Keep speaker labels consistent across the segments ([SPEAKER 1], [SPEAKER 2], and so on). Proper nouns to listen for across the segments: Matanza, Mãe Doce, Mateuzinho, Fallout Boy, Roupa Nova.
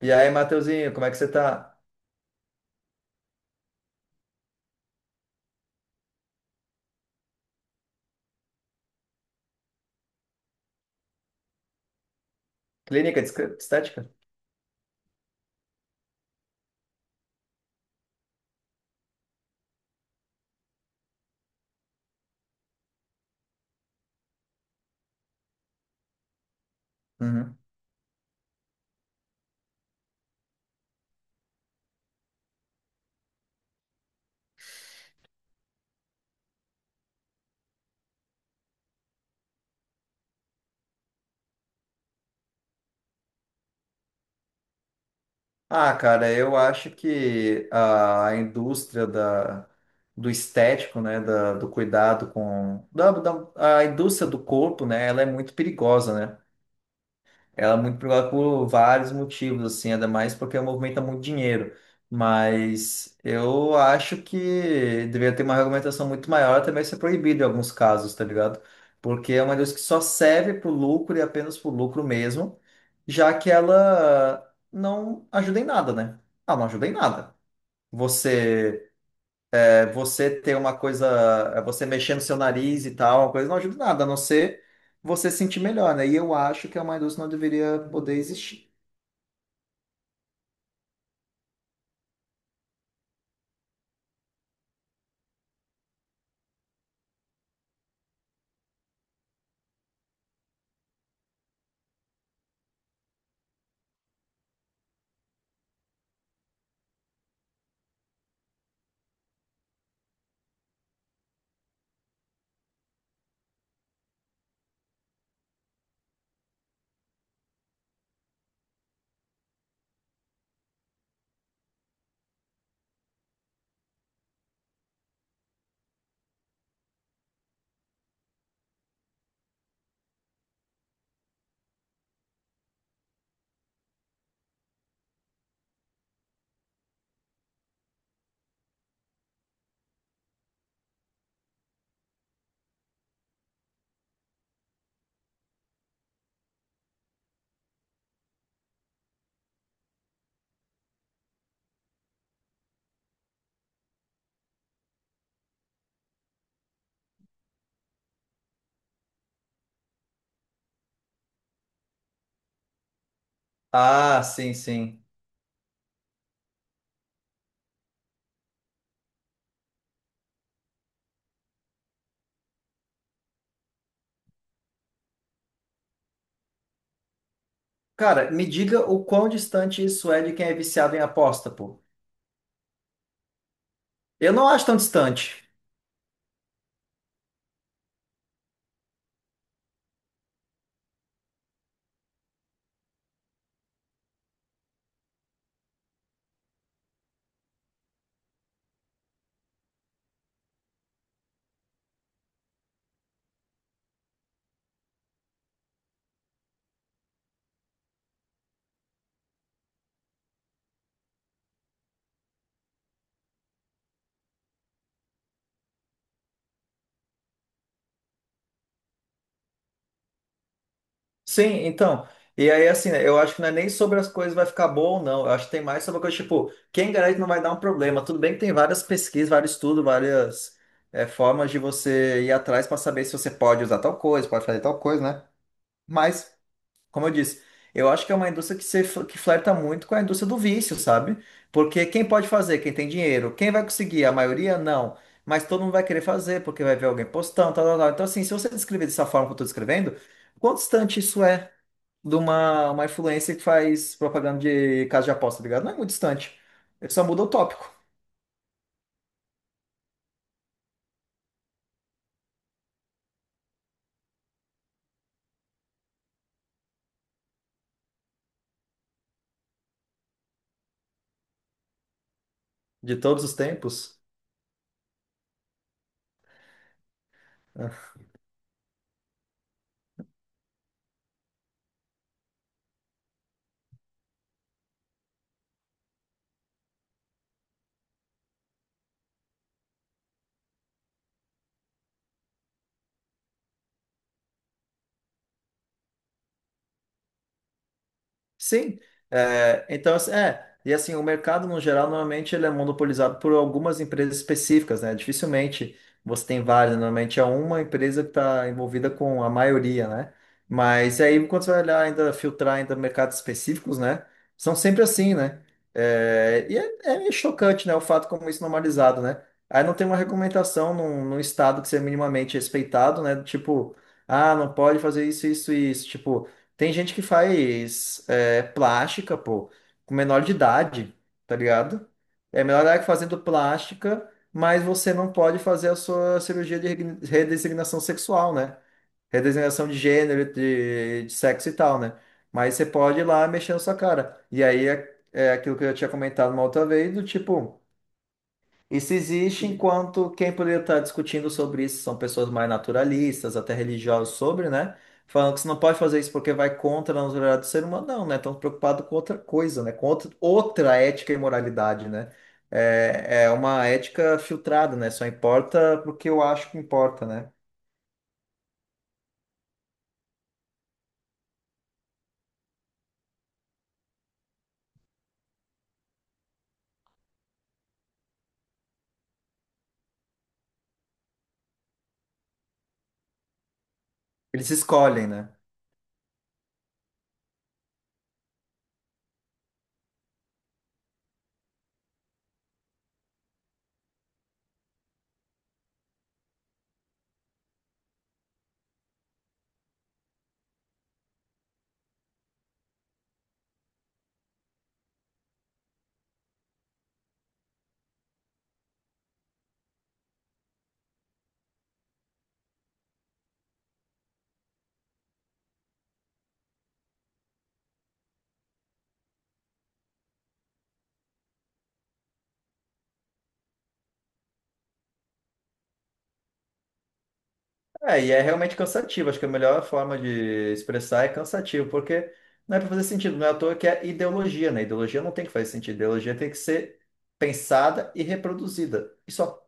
[SPEAKER 1] E aí, Mateuzinho, como é que você tá? De estética? Uhum. Ah, cara, eu acho que a do estético, né, do cuidado com... A indústria do corpo, né, ela é muito perigosa, né? Ela é muito popular por vários motivos, assim, ainda mais porque movimenta muito dinheiro. Mas eu acho que deveria ter uma regulamentação muito maior, até mesmo ser proibido em alguns casos, tá ligado? Porque é uma indústria que só serve pro lucro e apenas pro lucro mesmo, já que ela não ajuda em nada, né? Ah, não ajuda em nada. Você, você ter uma coisa, você mexer no seu nariz e tal, uma coisa não ajuda em nada, a não ser você se sentir melhor, né? E eu acho que a Mãe Doce não deveria poder existir. Ah, sim, sim. Cara, me diga o quão distante isso é de quem é viciado em aposta, pô. Eu não acho tão distante. Sim, então. E aí, assim, né, eu acho que não é nem sobre as coisas vai ficar bom ou não. Eu acho que tem mais sobre a coisa, tipo, quem garante não vai dar um problema. Tudo bem que tem várias pesquisas, vários estudos, várias formas de você ir atrás para saber se você pode usar tal coisa, pode fazer tal coisa, né? Mas. Como eu disse, eu acho que é uma indústria que, se, fl- que flerta muito com a indústria do vício, sabe? Porque quem pode fazer? Quem tem dinheiro. Quem vai conseguir? A maioria, não. Mas todo mundo vai querer fazer, porque vai ver alguém postando, tal, tal, tal. Então, assim, se você descrever dessa forma que eu estou descrevendo, quão distante isso é de uma influência que faz propaganda de casa de aposta, tá ligado? Não é muito distante. Ele só muda o tópico de todos os tempos. Sim, é, então, assim, é, e assim, o mercado no geral, normalmente ele é monopolizado por algumas empresas específicas, né? Dificilmente você tem várias, normalmente é uma empresa que está envolvida com a maioria, né? Mas aí, quando você vai olhar ainda, filtrar ainda mercados específicos, né? São sempre assim, né? É, é meio chocante, né? O fato como isso é normalizado, né? Aí não tem uma regulamentação num estado que seja minimamente respeitado, né? Tipo, ah, não pode fazer isso, isso e isso. Tipo, tem gente que faz é plástica, pô, com menor de idade, tá ligado? É menor de idade fazendo plástica, mas você não pode fazer a sua cirurgia de redesignação sexual, né? Redesignação de gênero, de sexo e tal, né? Mas você pode ir lá mexendo sua cara. E aí é aquilo que eu já tinha comentado uma outra vez, do tipo. Isso existe enquanto quem poderia estar discutindo sobre isso são pessoas mais naturalistas, até religiosas sobre, né? Falando que você não pode fazer isso porque vai contra a naturalidade do ser humano, não, né? Estão preocupados com outra coisa, né? Com outra, outra ética e moralidade, né? É, é uma ética filtrada, né? Só importa porque eu acho que importa, né? Eles escolhem, né? É, e é realmente cansativo. Acho que a melhor forma de expressar é cansativo, porque não é para fazer sentido, não é à toa que é ideologia, né? Ideologia não tem que fazer sentido, ideologia tem que ser pensada e reproduzida. E só.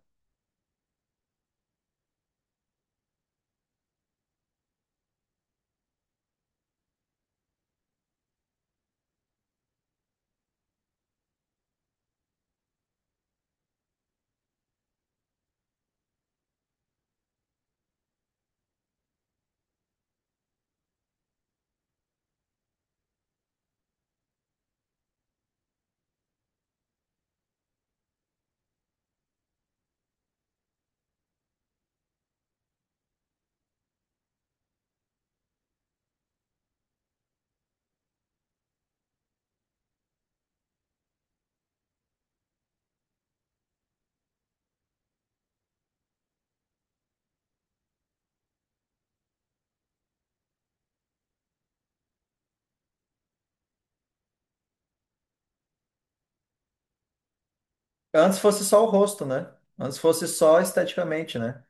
[SPEAKER 1] Antes fosse só o rosto, né? Antes fosse só esteticamente, né?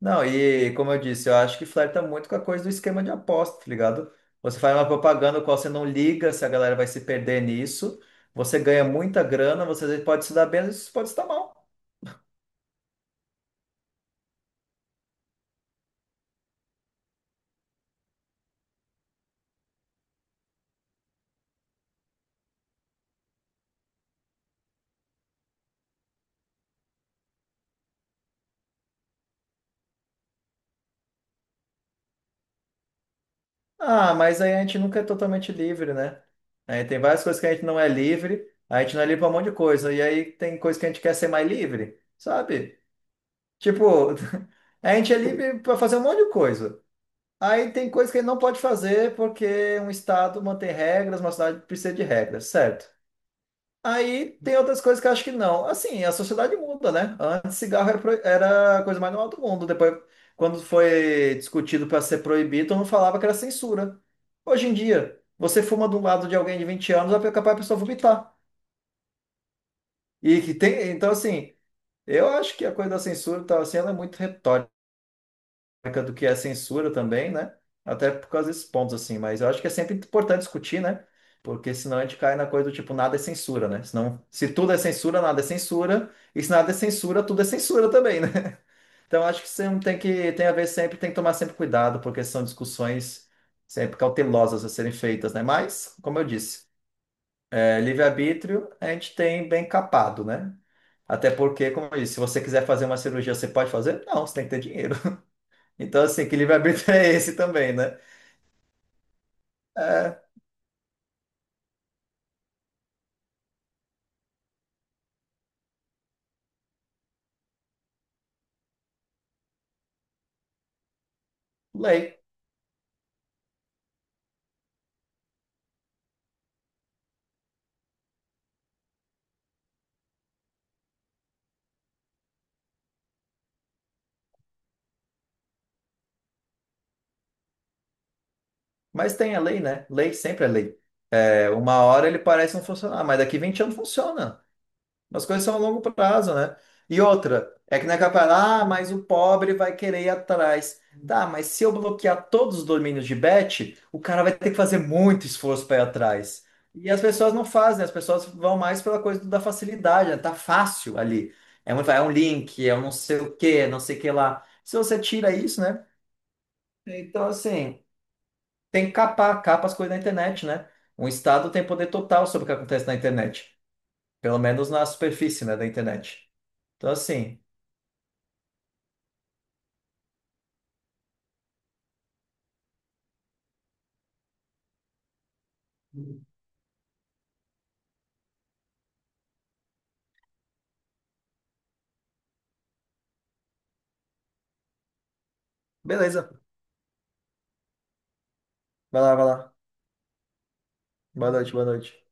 [SPEAKER 1] Não, e como eu disse, eu acho que flerta muito com a coisa do esquema de aposta, tá ligado? Você faz uma propaganda qual você não liga se a galera vai se perder nisso, você ganha muita grana, você às vezes pode se dar bem, às vezes pode se dar mal. Ah, mas aí a gente nunca é totalmente livre, né? Aí tem várias coisas que a gente não é livre, a gente não é livre pra um monte de coisa, e aí tem coisas que a gente quer ser mais livre, sabe? Tipo, a gente é livre pra fazer um monte de coisa. Aí tem coisas que a gente não pode fazer porque um estado mantém regras, uma cidade precisa de regras, certo? Aí tem outras coisas que eu acho que não. Assim, a sociedade muda, né? Antes cigarro era, era a coisa mais normal do mundo. Depois, quando foi discutido para ser proibido, todo mundo falava que era censura. Hoje em dia, você fuma do lado de alguém de 20 anos, é capaz a pessoa vomitar. E que tem, então assim, eu acho que a coisa da censura tá, assim, ela é muito retórica. Marca do que é censura também, né? Até por causa desses pontos, assim. Mas eu acho que é sempre importante discutir, né? Porque senão a gente cai na coisa do tipo, nada é censura, né? Senão, se tudo é censura, nada é censura. E se nada é censura, tudo é censura também, né? Então acho que você não tem que, tem a ver sempre, tem que tomar sempre cuidado, porque são discussões sempre cautelosas a serem feitas, né? Mas, como eu disse, é, livre-arbítrio a gente tem bem capado, né? Até porque, como eu disse, se você quiser fazer uma cirurgia, você pode fazer? Não, você tem que ter dinheiro. Então, assim, que livre-arbítrio é esse também, né? É lei. Mas tem a lei, né? Lei sempre é lei. É, uma hora ele parece não funcionar, mas daqui 20 anos funciona. As coisas são a longo prazo, né? E outra, é que não é capaz, ah, mas o pobre vai querer ir atrás. Tá, mas se eu bloquear todos os domínios de bet, o cara vai ter que fazer muito esforço para ir atrás. E as pessoas não fazem, as pessoas vão mais pela coisa da facilidade, né? Tá fácil ali. É um link, é um não sei o quê, não sei o que lá. Se você tira isso, né? Então, assim, tem que capar, capa as coisas na internet, né? Um Estado tem poder total sobre o que acontece na internet. Pelo menos na superfície, né, da internet. Então, assim, beleza. Vai lá, vai lá. Boa noite, boa noite.